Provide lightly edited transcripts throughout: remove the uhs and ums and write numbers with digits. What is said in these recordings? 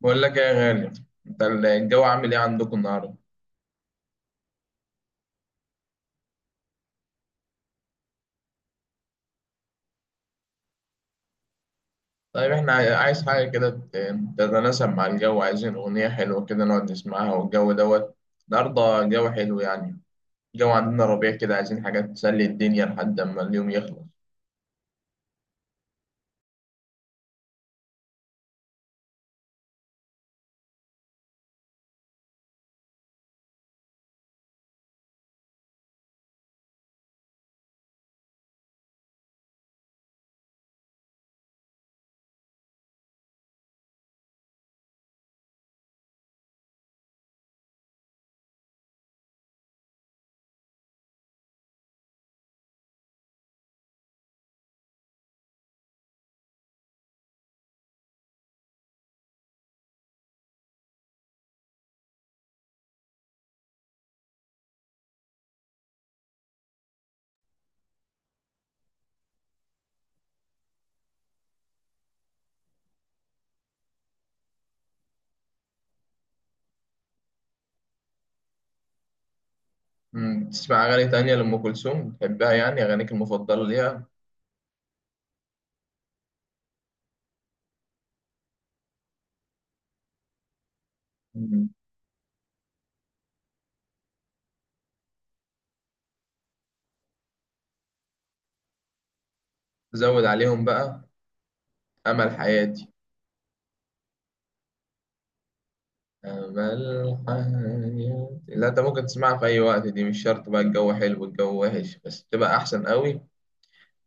بقول لك إيه يا غالي. انت الجو عامل ايه عندكم النهارده؟ طيب احنا عايز حاجه كده تتناسب مع الجو، عايزين اغنيه حلوه كده نقعد نسمعها والجو دوت. النهارده الجو حلو يعني. الجو عندنا ربيع كده، عايزين حاجه تسلي الدنيا لحد اما اليوم يخلص. تسمع اغاني تانية لأم كلثوم بتحبها؟ يعني اغانيك المفضله ليها. مم، زود عليهم بقى. امل حياتي. امل حياتي. لا انت ممكن تسمعها في اي وقت، دي مش شرط بقى الجو حلو الجو وحش، بس تبقى احسن قوي.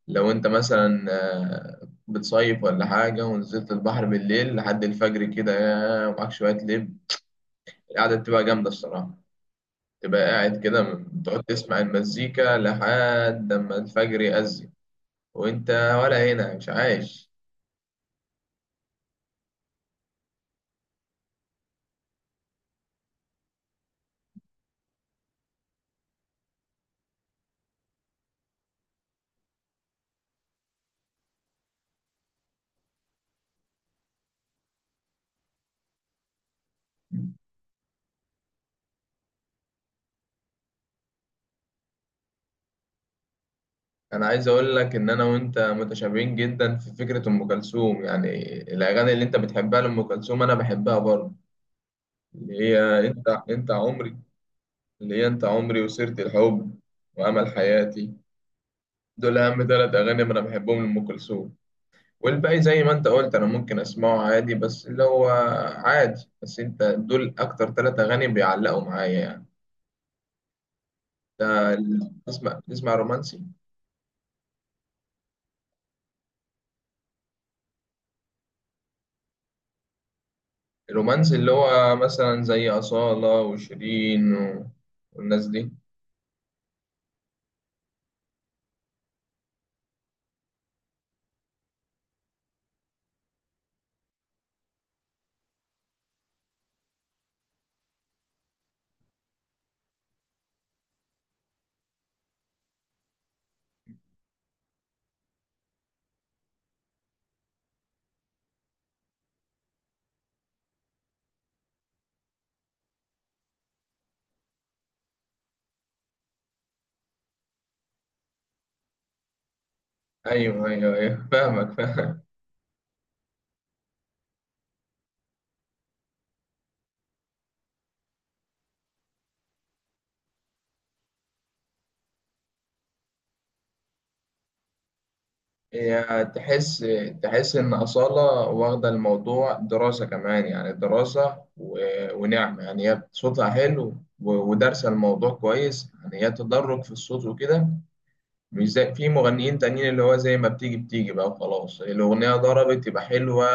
لو انت مثلا بتصيف ولا حاجة ونزلت البحر بالليل لحد الفجر كده يا ومعاك شوية لب، القعدة بتبقى جامدة الصراحة. تبقى قاعد كده بتقعد تسمع المزيكا لحد ما الفجر يأذن وانت، ولا هنا مش عايش. انا عايز اقول لك ان انا وانت متشابهين جدا في فكرة ام كلثوم يعني. الاغاني اللي انت بتحبها لام كلثوم انا بحبها برضه، اللي هي انت عمري، اللي هي انت عمري وسيرة الحب وامل حياتي. دول أهم 3 أغاني أنا بحبهم لأم كلثوم. والباقي زي ما أنت قلت أنا ممكن أسمعه عادي، بس اللي هو عادي. بس أنت دول أكتر 3 أغاني بيعلقوا معايا يعني. تسمع رومانسي؟ الرومانسي اللي هو مثلا زي أصالة وشيرين و... والناس دي. أيوه أيوه أيوه، فاهمك فاهمك. هي تحس تحس إن أصالة واخدة الموضوع دراسة كمان، يعني دراسة ونعمة. يعني هي صوتها حلو ودارسة الموضوع كويس. يعني هي تدرج في الصوت وكده، مش زي في مغنيين تانيين اللي هو زي ما بتيجي بتيجي بقى وخلاص الأغنية ضربت يبقى حلوة.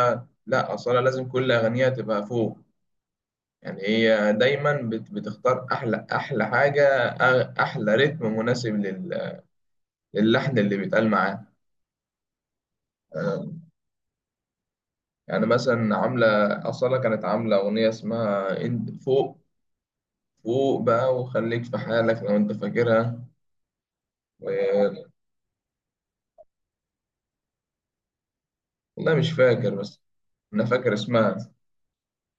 لا، أصالة لازم كل أغنية تبقى فوق. يعني هي دايما بتختار أحلى حاجة، أحلى رتم مناسب للحن اللي بيتقال معاه. يعني مثلا عاملة، أصالة كانت عاملة أغنية اسمها انت فوق فوق بقى وخليك في حالك، لو أنت فاكرها. و... والله مش فاكر، بس أنا فاكر اسمها.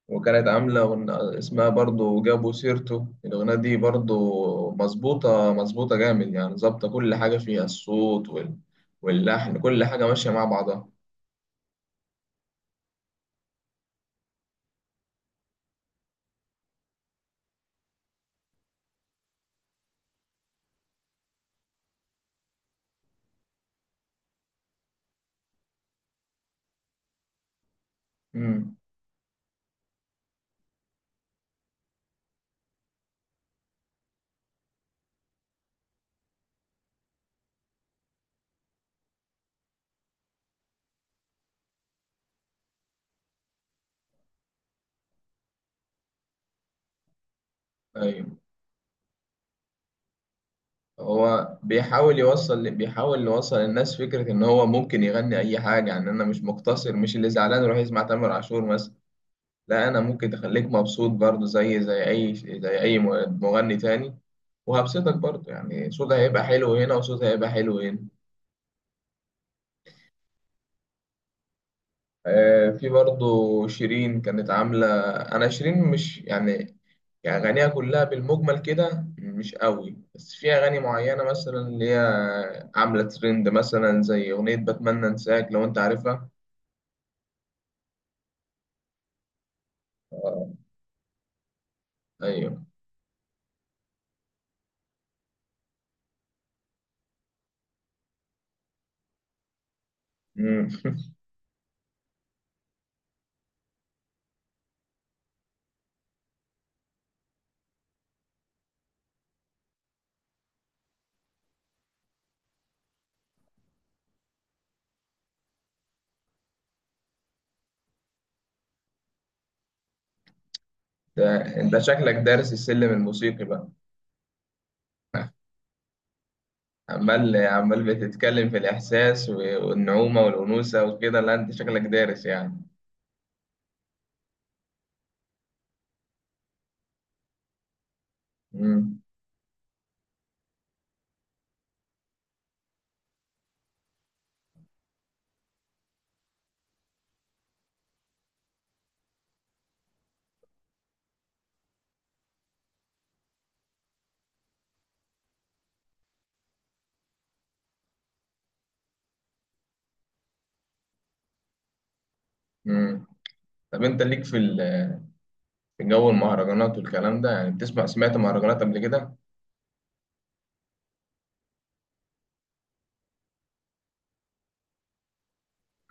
وكانت عاملة اسمها برضو جابوا سيرته، الأغنية دي برضو مظبوطة جامد، يعني ظابطة كل حاجة فيها، الصوت وال... واللحن، كل حاجة ماشية مع بعضها. امم أيوة. هو بيحاول يوصل، بيحاول يوصل للناس فكرة إن هو ممكن يغني أي حاجة. يعني أنا مش مقتصر، مش اللي زعلان يروح يسمع تامر عاشور مثلا. لا، أنا ممكن تخليك مبسوط برضه زي زي أي مغني تاني، وهبسطك برضه. يعني صوتها هيبقى حلو هنا وصوتها هيبقى حلو هنا. في برضه شيرين كانت عاملة، أنا شيرين مش يعني، يعني أغانيها كلها بالمجمل كده مش قوي، بس في أغاني معينة مثلا اللي هي عاملة ترند مثلا زي أغنية بتمنى أنساك، لو أنت عارفها. آه. أيوه. مم. ده أنت شكلك دارس السلم الموسيقي بقى. عمال عمال بتتكلم في الإحساس والنعومة والأنوثة وكده، لا أنت شكلك دارس يعني. مم. مم. طب أنت ليك في في جو المهرجانات والكلام ده يعني؟ بتسمع، سمعت مهرجانات قبل كده؟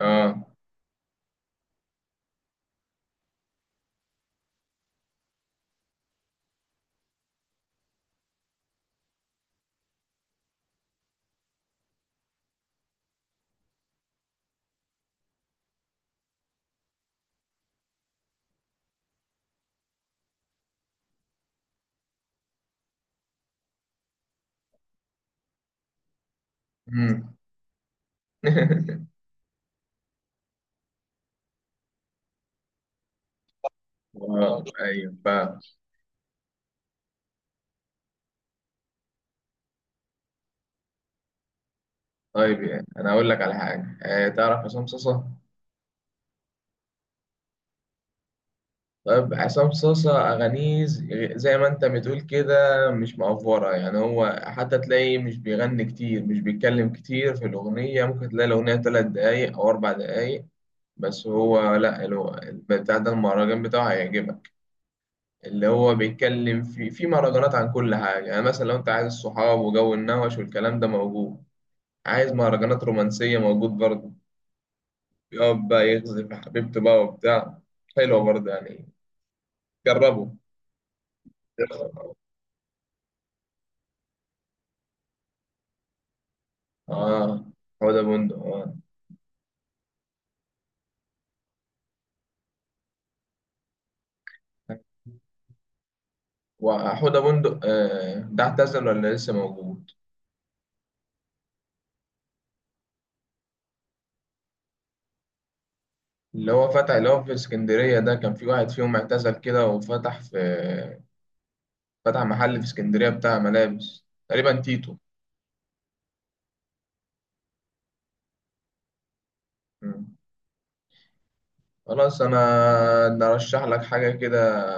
آه. مم. اه ايوه فاهم. طيب يعني انا اقول لك على حاجه، آه تعرف عصام صاصا؟ طيب عصام صاصا اغانيه زي ما انت بتقول كده، مش مأفورة. يعني هو حتى تلاقيه مش بيغني كتير، مش بيتكلم كتير في الاغنيه، ممكن تلاقي الاغنيه 3 دقايق او 4 دقايق بس. هو لا، اللي هو بتاع ده، المهرجان بتاعه هيعجبك. اللي هو بيتكلم في مهرجانات عن كل حاجه، يعني مثلا لو انت عايز الصحاب وجو النوش والكلام ده موجود، عايز مهرجانات رومانسيه موجود برضه، يقعد بقى يغزل في حبيبته بقى وبتاع، حلوة برضه يعني. جربوا. اه، حوده بندق اه. وحوده بندق آه، ده اعتزل ولا لسه موجود؟ اللي هو فتح، اللي هو في اسكندرية ده، كان في واحد فيهم اعتزل كده وفتح في، فتح محل في اسكندرية بتاع ملابس تقريبا، تيتو. مم. خلاص، انا نرشح لك حاجة كده،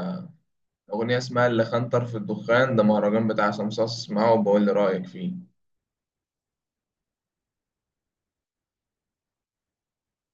اغنية اسمها اللي خنطر في الدخان، ده مهرجان بتاع سمسار، اسمعه وبقول لي رأيك فيه.